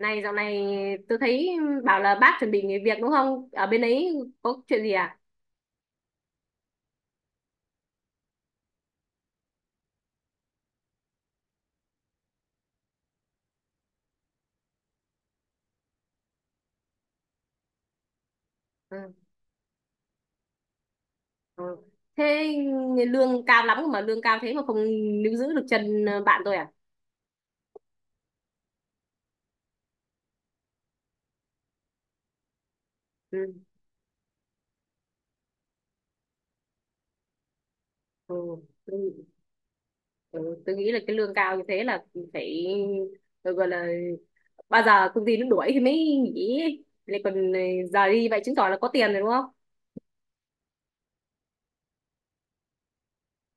Này dạo này tôi thấy bảo là bác chuẩn bị nghỉ việc đúng không? Ở bên ấy có chuyện gì à? Ừ. Ừ. Thế lương cao lắm mà lương cao thế mà không níu giữ được chân bạn tôi à? Ừ. Ừ. Ừ. Ừ. Tôi nghĩ là cái lương cao như thế là phải tôi gọi là bao giờ công ty nó đuổi thì mới nghỉ ấy. Lại còn giờ đi vậy chứng tỏ là có tiền rồi đúng không?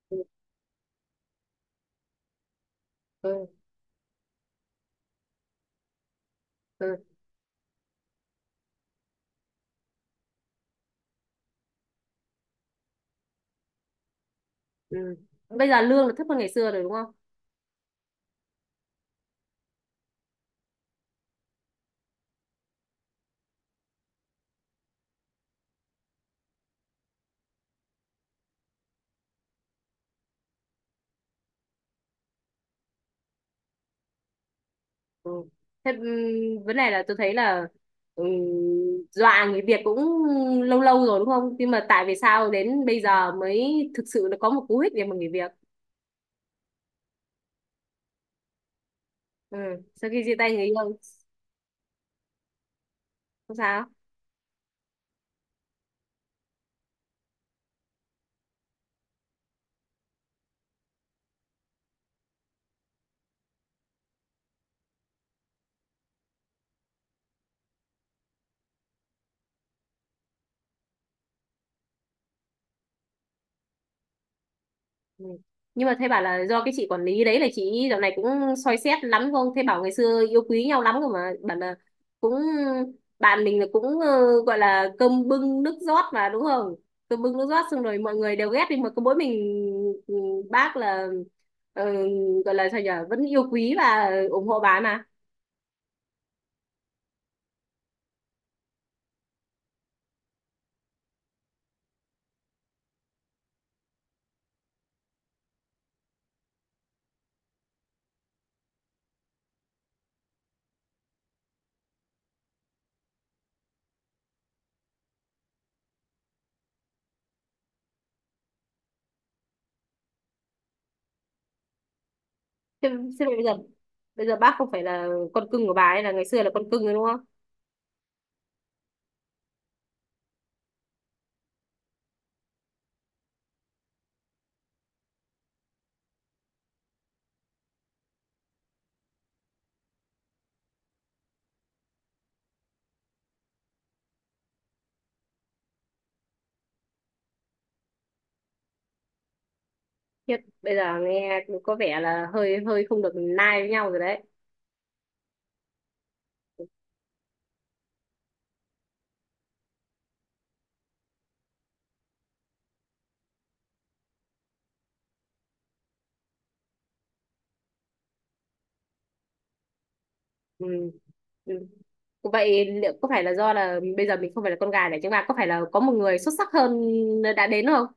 Ừ. Ừ. Ừ. Ừ. Bây giờ lương là thấp hơn ngày xưa rồi đúng không? Ừ. Thế vấn đề là tôi thấy là ừm, dọa người Việt cũng lâu lâu rồi đúng không? Nhưng mà tại vì sao đến bây giờ mới thực sự là có một cú hích để mà người Việt. Ừ. Sau khi chia tay người yêu, không sao? Ừ. Nhưng mà thế bảo là do cái chị quản lý đấy là chị dạo này cũng soi xét lắm không? Thế bảo ngày xưa yêu quý nhau lắm rồi mà bảo là cũng bạn mình là cũng gọi là cơm bưng nước rót mà đúng không? Cơm bưng nước rót xong rồi mọi người đều ghét đi mà có mỗi mình ừ, bác là ờ, gọi là sao nhở vẫn yêu quý và ủng hộ bà ấy mà. Thế, thế bây giờ bác không phải là con cưng của bà ấy là ngày xưa là con cưng rồi đúng không? Khiếp, bây giờ nghe có vẻ là hơi hơi không được nai với nhau rồi đấy. Ừ. Ừ. Vậy liệu có phải là do là bây giờ mình không phải là con gà để chúng ta có phải là có một người xuất sắc hơn đã đến không?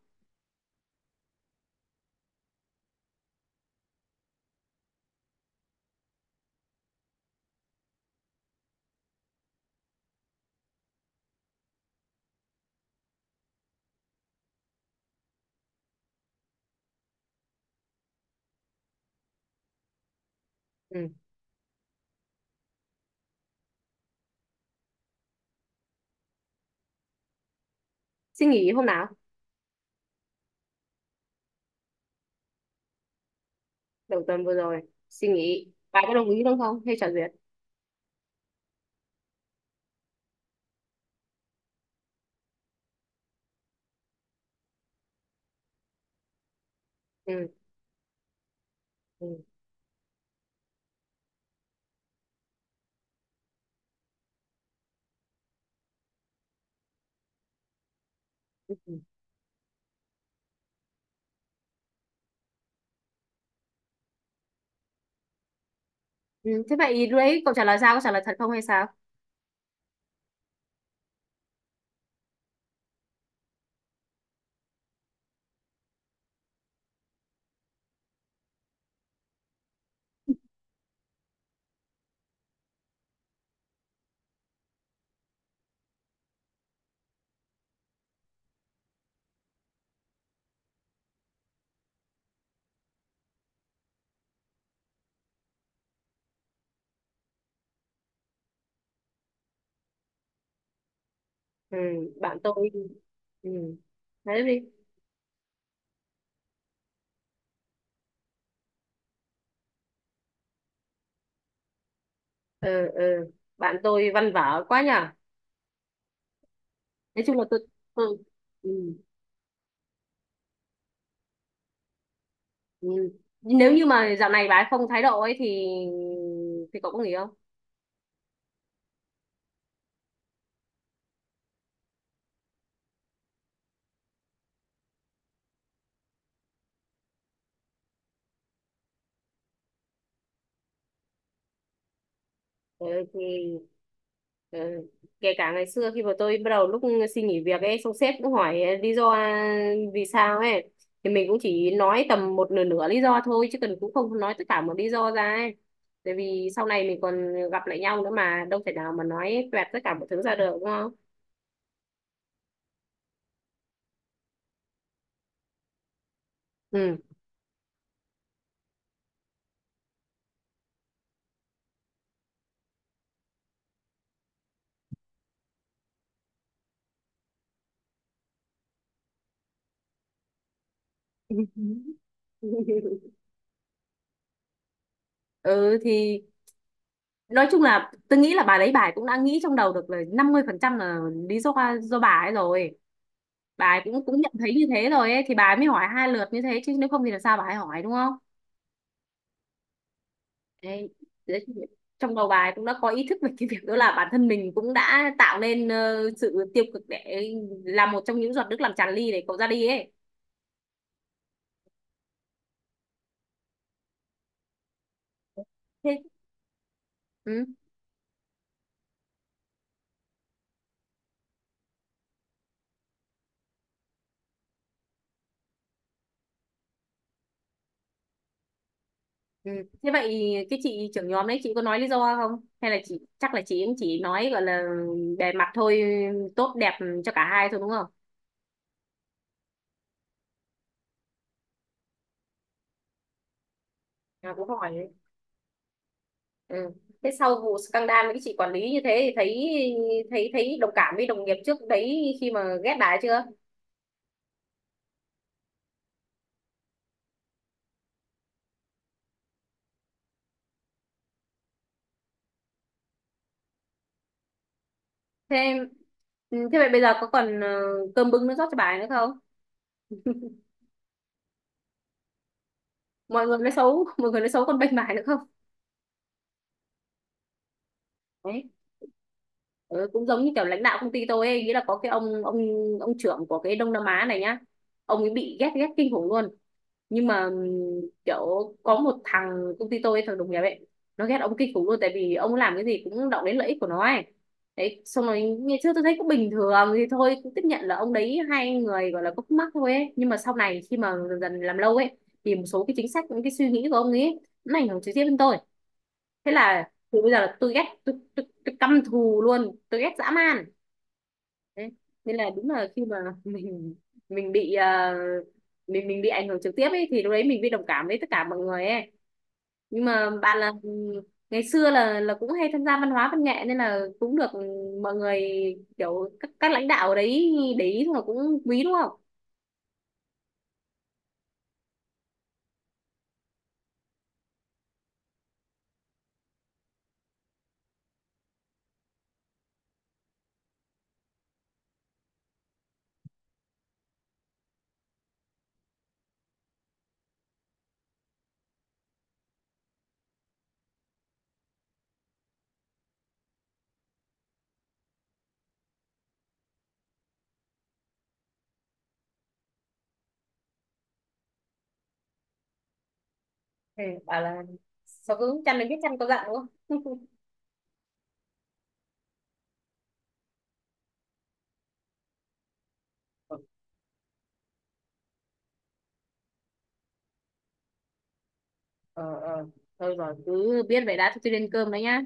Ừ. Suy nghĩ hôm nào? Đầu tuần vừa rồi. Suy nghĩ. Bạn có đồng ý đúng không? Hay trả duyệt? Ừ. Ừ. Ừ. Thế vậy lúc đấy cậu trả lời sao? Có trả lời thật không hay sao? Ừ. Bạn tôi. Ừ. Nói đi. Ừ. Ừ. Bạn tôi văn vở quá nhở. Nói chung là tôi. Tôi... Ừ. Ừ. Nếu như mà dạo này bà ấy không thái độ ấy thì cậu có nghỉ không? Ừ, thì ừ. Kể cả ngày xưa khi mà tôi bắt đầu lúc xin nghỉ việc ấy xong sếp cũng hỏi lý do vì sao ấy thì mình cũng chỉ nói tầm một nửa nửa lý do thôi chứ cần cũng không nói tất cả một lý do ra ấy, tại vì sau này mình còn gặp lại nhau nữa mà đâu thể nào mà nói toẹt tất cả mọi thứ ra được đúng không? Ừ. Ừ thì nói chung là tôi nghĩ là bà đấy bà ấy cũng đã nghĩ trong đầu được là 50% là lý do do bà ấy rồi, bà ấy cũng cũng nhận thấy như thế rồi ấy thì bà ấy mới hỏi hai lượt như thế chứ nếu không thì là sao bà ấy hỏi đúng không? Đấy, đấy thì trong đầu bà ấy cũng đã có ý thức về cái việc đó là bản thân mình cũng đã tạo nên sự tiêu cực để làm một trong những giọt nước làm tràn ly để cậu ra đi ấy. Thế ừ. Ừ. Thế vậy cái chị trưởng nhóm đấy chị có nói lý do không? Hay là chị chắc là chị cũng chỉ nói gọi là bề mặt thôi, tốt đẹp cho cả hai thôi đúng không? À, cũng hỏi đấy. Ừ. Thế sau vụ scandal với cái chị quản lý như thế thì thấy thấy thấy đồng cảm với đồng nghiệp trước đấy khi mà ghét bà ấy chưa? Thế ừ, thế vậy bây giờ có còn cơm bưng nó rót cho bà ấy nữa không? Mọi người nói xấu, mọi người nói xấu còn bênh bà ấy nữa không? Đấy. Ừ, cũng giống như kiểu lãnh đạo công ty tôi ấy, nghĩa là có cái ông ông trưởng của cái Đông Nam Á này nhá, ông ấy bị ghét ghét kinh khủng luôn, nhưng mà kiểu có một thằng công ty tôi ấy, thằng đồng nghiệp ấy nó ghét ông kinh khủng luôn tại vì ông làm cái gì cũng động đến lợi ích của nó ấy. Đấy, xong rồi ngày trước tôi thấy cũng bình thường thì thôi cũng tiếp nhận là ông đấy hai người gọi là có khúc mắc thôi ấy, nhưng mà sau này khi mà dần dần làm lâu ấy thì một số cái chính sách những cái suy nghĩ của ông ấy nó ảnh hưởng trực tiếp đến tôi. Thế là từ bây giờ là tôi căm thù luôn, tôi ghét dã man. Đấy. Nên là đúng là khi mà mình mình bị mình bị ảnh hưởng trực tiếp ấy thì lúc đấy mình bị đồng cảm với tất cả mọi người ấy. Nhưng mà bạn là ngày xưa là cũng hay tham gia văn hóa văn nghệ nên là cũng được mọi người kiểu các lãnh đạo ở đấy để ý thôi cũng quý đúng không? Ừ, bảo là sao cứ chăn đến biết chăn có dặn đúng không? Ờ ờ, thôi rồi cứ biết vậy đã, tôi đi lên cơm đấy nhá.